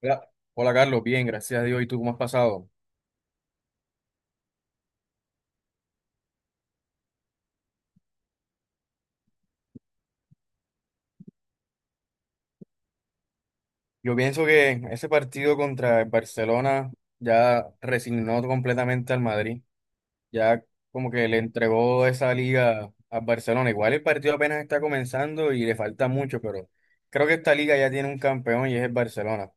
Hola, Carlos, bien, gracias a Dios. ¿Y tú cómo has pasado? Yo pienso que ese partido contra el Barcelona ya resignó completamente al Madrid, ya como que le entregó esa liga al Barcelona. Igual el partido apenas está comenzando y le falta mucho, pero creo que esta liga ya tiene un campeón y es el Barcelona.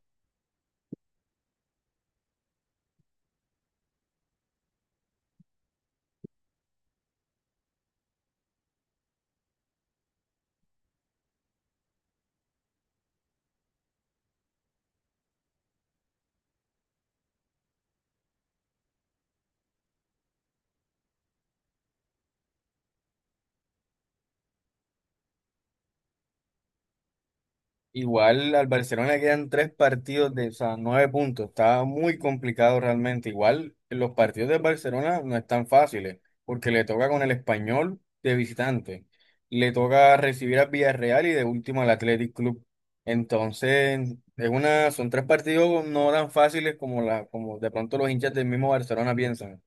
Igual al Barcelona le quedan tres partidos de, o sea, nueve puntos. Está muy complicado realmente. Igual los partidos del Barcelona no están fáciles, porque le toca con el Español de visitante. Le toca recibir al Villarreal y de último al Athletic Club. Entonces, es una, son tres partidos no tan fáciles como la, como de pronto los hinchas del mismo Barcelona piensan.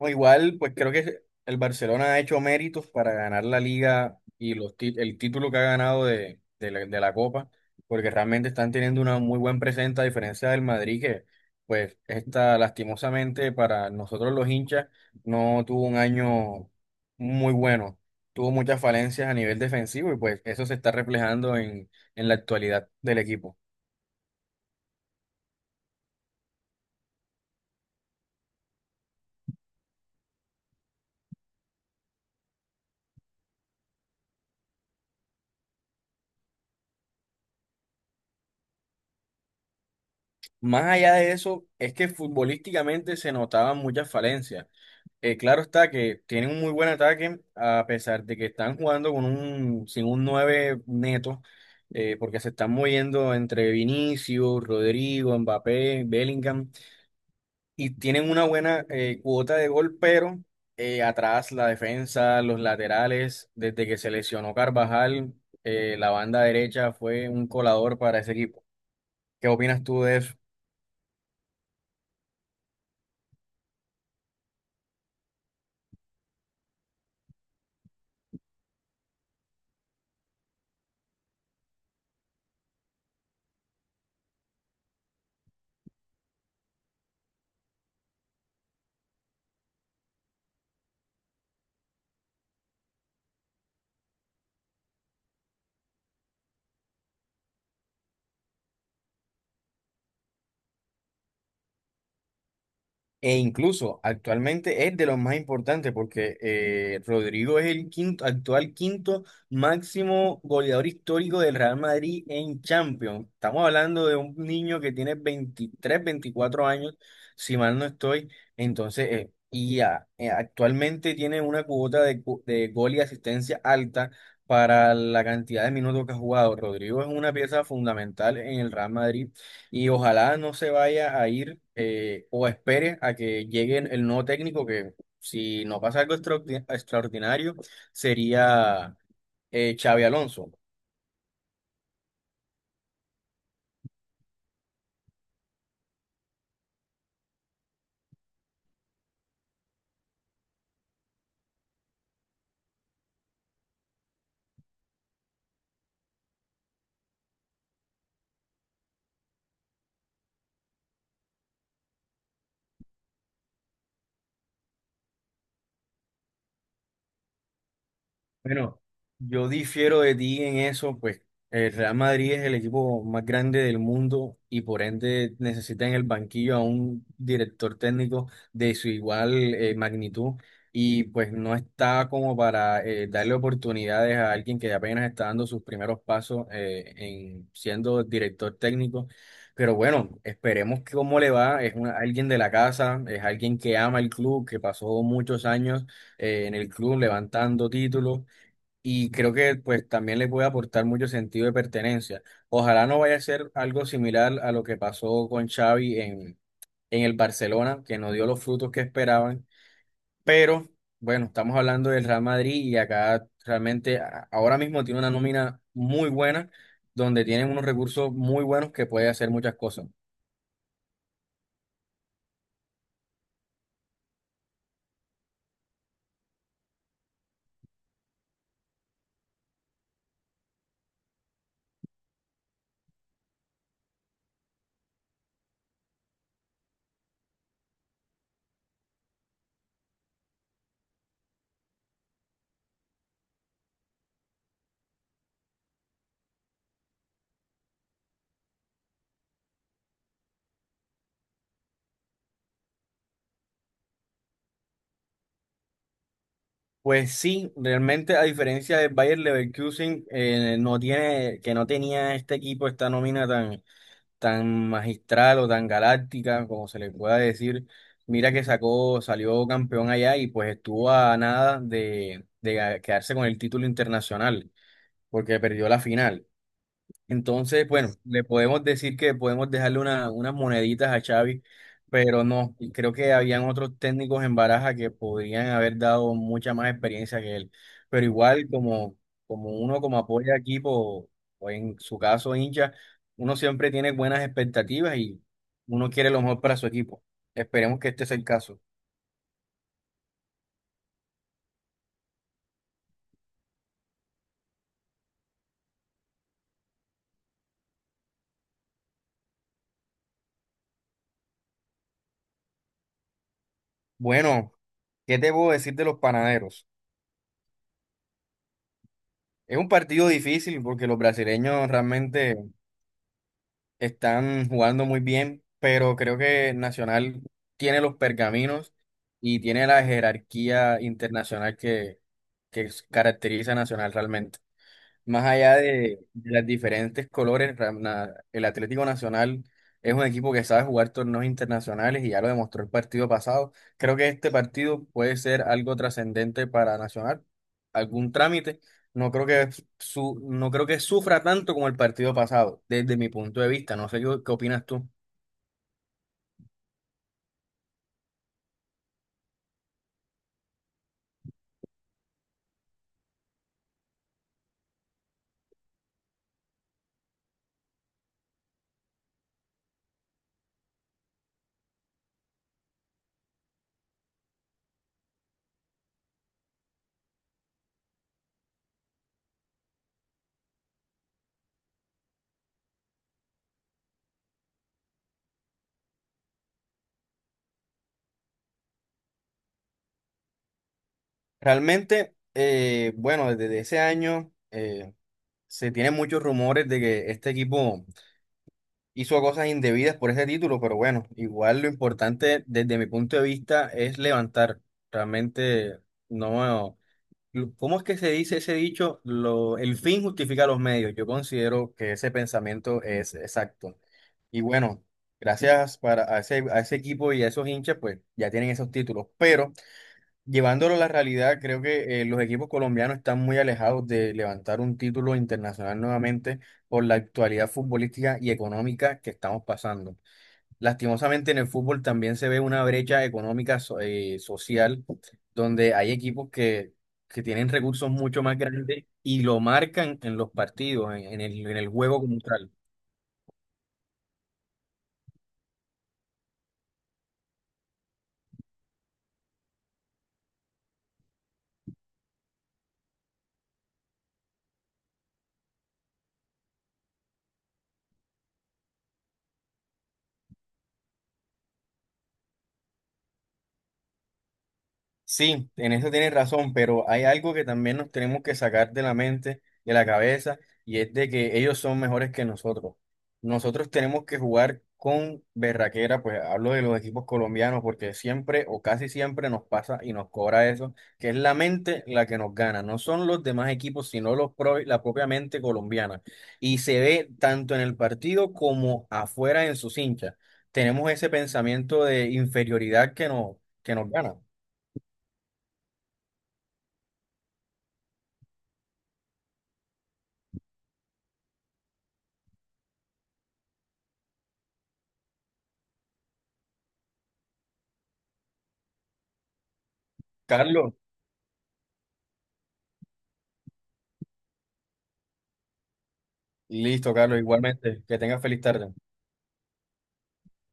No, igual, pues creo que el Barcelona ha hecho méritos para ganar la liga y los el título que ha ganado de la Copa, porque realmente están teniendo una muy buena presencia, a diferencia del Madrid, que pues está lastimosamente para nosotros los hinchas no tuvo un año muy bueno, tuvo muchas falencias a nivel defensivo y pues eso se está reflejando en la actualidad del equipo. Más allá de eso, es que futbolísticamente se notaban muchas falencias. Claro está que tienen un muy buen ataque, a pesar de que están jugando con un, sin un 9 neto, porque se están moviendo entre Vinicius, Rodrigo, Mbappé, Bellingham, y tienen una buena cuota de gol, pero atrás la defensa, los laterales, desde que se lesionó Carvajal, la banda derecha fue un colador para ese equipo. ¿Qué opinas tú de eso? E incluso actualmente es de los más importantes porque Rodrigo es el quinto, actual quinto máximo goleador histórico del Real Madrid en Champions. Estamos hablando de un niño que tiene 23 24 años, si mal no estoy. Entonces, actualmente tiene una cuota de, de gol y asistencia alta para la cantidad de minutos que ha jugado. Rodrigo es una pieza fundamental en el Real Madrid y ojalá no se vaya a ir o espere a que llegue el nuevo técnico, que si no pasa algo extraordinario, sería Xavi Alonso. Bueno, yo difiero de ti en eso, pues el Real Madrid es el equipo más grande del mundo y por ende necesita en el banquillo a un director técnico de su igual magnitud y pues no está como para darle oportunidades a alguien que apenas está dando sus primeros pasos en siendo director técnico. Pero bueno, esperemos que cómo le va. Es alguien de la casa, es alguien que ama el club, que pasó muchos años en el club levantando títulos. Y creo que pues también les puede aportar mucho sentido de pertenencia. Ojalá no vaya a ser algo similar a lo que pasó con Xavi en el Barcelona, que no dio los frutos que esperaban. Pero bueno, estamos hablando del Real Madrid y acá realmente ahora mismo tiene una nómina muy buena, donde tienen unos recursos muy buenos que puede hacer muchas cosas. Pues sí, realmente a diferencia del Bayer Leverkusen, no tiene, que no tenía este equipo, esta nómina tan tan magistral o tan galáctica, como se le pueda decir. Mira que sacó, salió campeón allá y pues estuvo a nada de quedarse con el título internacional, porque perdió la final. Entonces, bueno, le podemos decir que podemos dejarle unas moneditas a Xavi, pero no, y creo que habían otros técnicos en Baraja que podrían haber dado mucha más experiencia que él. Pero igual, como, como uno como apoya equipo, o en su caso hincha, uno siempre tiene buenas expectativas y uno quiere lo mejor para su equipo. Esperemos que este sea el caso. Bueno, ¿qué te puedo decir de los panaderos? Es un partido difícil porque los brasileños realmente están jugando muy bien, pero creo que Nacional tiene los pergaminos y tiene la jerarquía internacional que caracteriza a Nacional realmente. Más allá de las diferentes colores, el Atlético Nacional es un equipo que sabe jugar torneos internacionales y ya lo demostró el partido pasado. Creo que este partido puede ser algo trascendente para Nacional, algún trámite. No creo que no creo que sufra tanto como el partido pasado, desde mi punto de vista. No sé qué, qué opinas tú. Realmente, bueno, desde ese año se tienen muchos rumores de que este equipo hizo cosas indebidas por ese título, pero bueno, igual lo importante desde mi punto de vista es levantar. Realmente no, ¿cómo es que se dice ese dicho? Lo, el fin justifica los medios. Yo considero que ese pensamiento es exacto. Y bueno, gracias para a ese equipo y a esos hinchas, pues ya tienen esos títulos, pero llevándolo a la realidad, creo que los equipos colombianos están muy alejados de levantar un título internacional nuevamente por la actualidad futbolística y económica que estamos pasando. Lastimosamente en el fútbol también se ve una brecha económica social donde hay equipos que tienen recursos mucho más grandes y lo marcan en los partidos, en el juego como tal. Sí, en eso tienes razón, pero hay algo que también nos tenemos que sacar de la mente, de la cabeza, y es de que ellos son mejores que nosotros. Nosotros tenemos que jugar con berraquera, pues hablo de los equipos colombianos, porque siempre o casi siempre nos pasa y nos cobra eso, que es la mente la que nos gana, no son los demás equipos, sino los la propia mente colombiana. Y se ve tanto en el partido como afuera en sus hinchas. Tenemos ese pensamiento de inferioridad que nos gana. Carlos. Listo, Carlos, igualmente. Que tengas feliz tarde.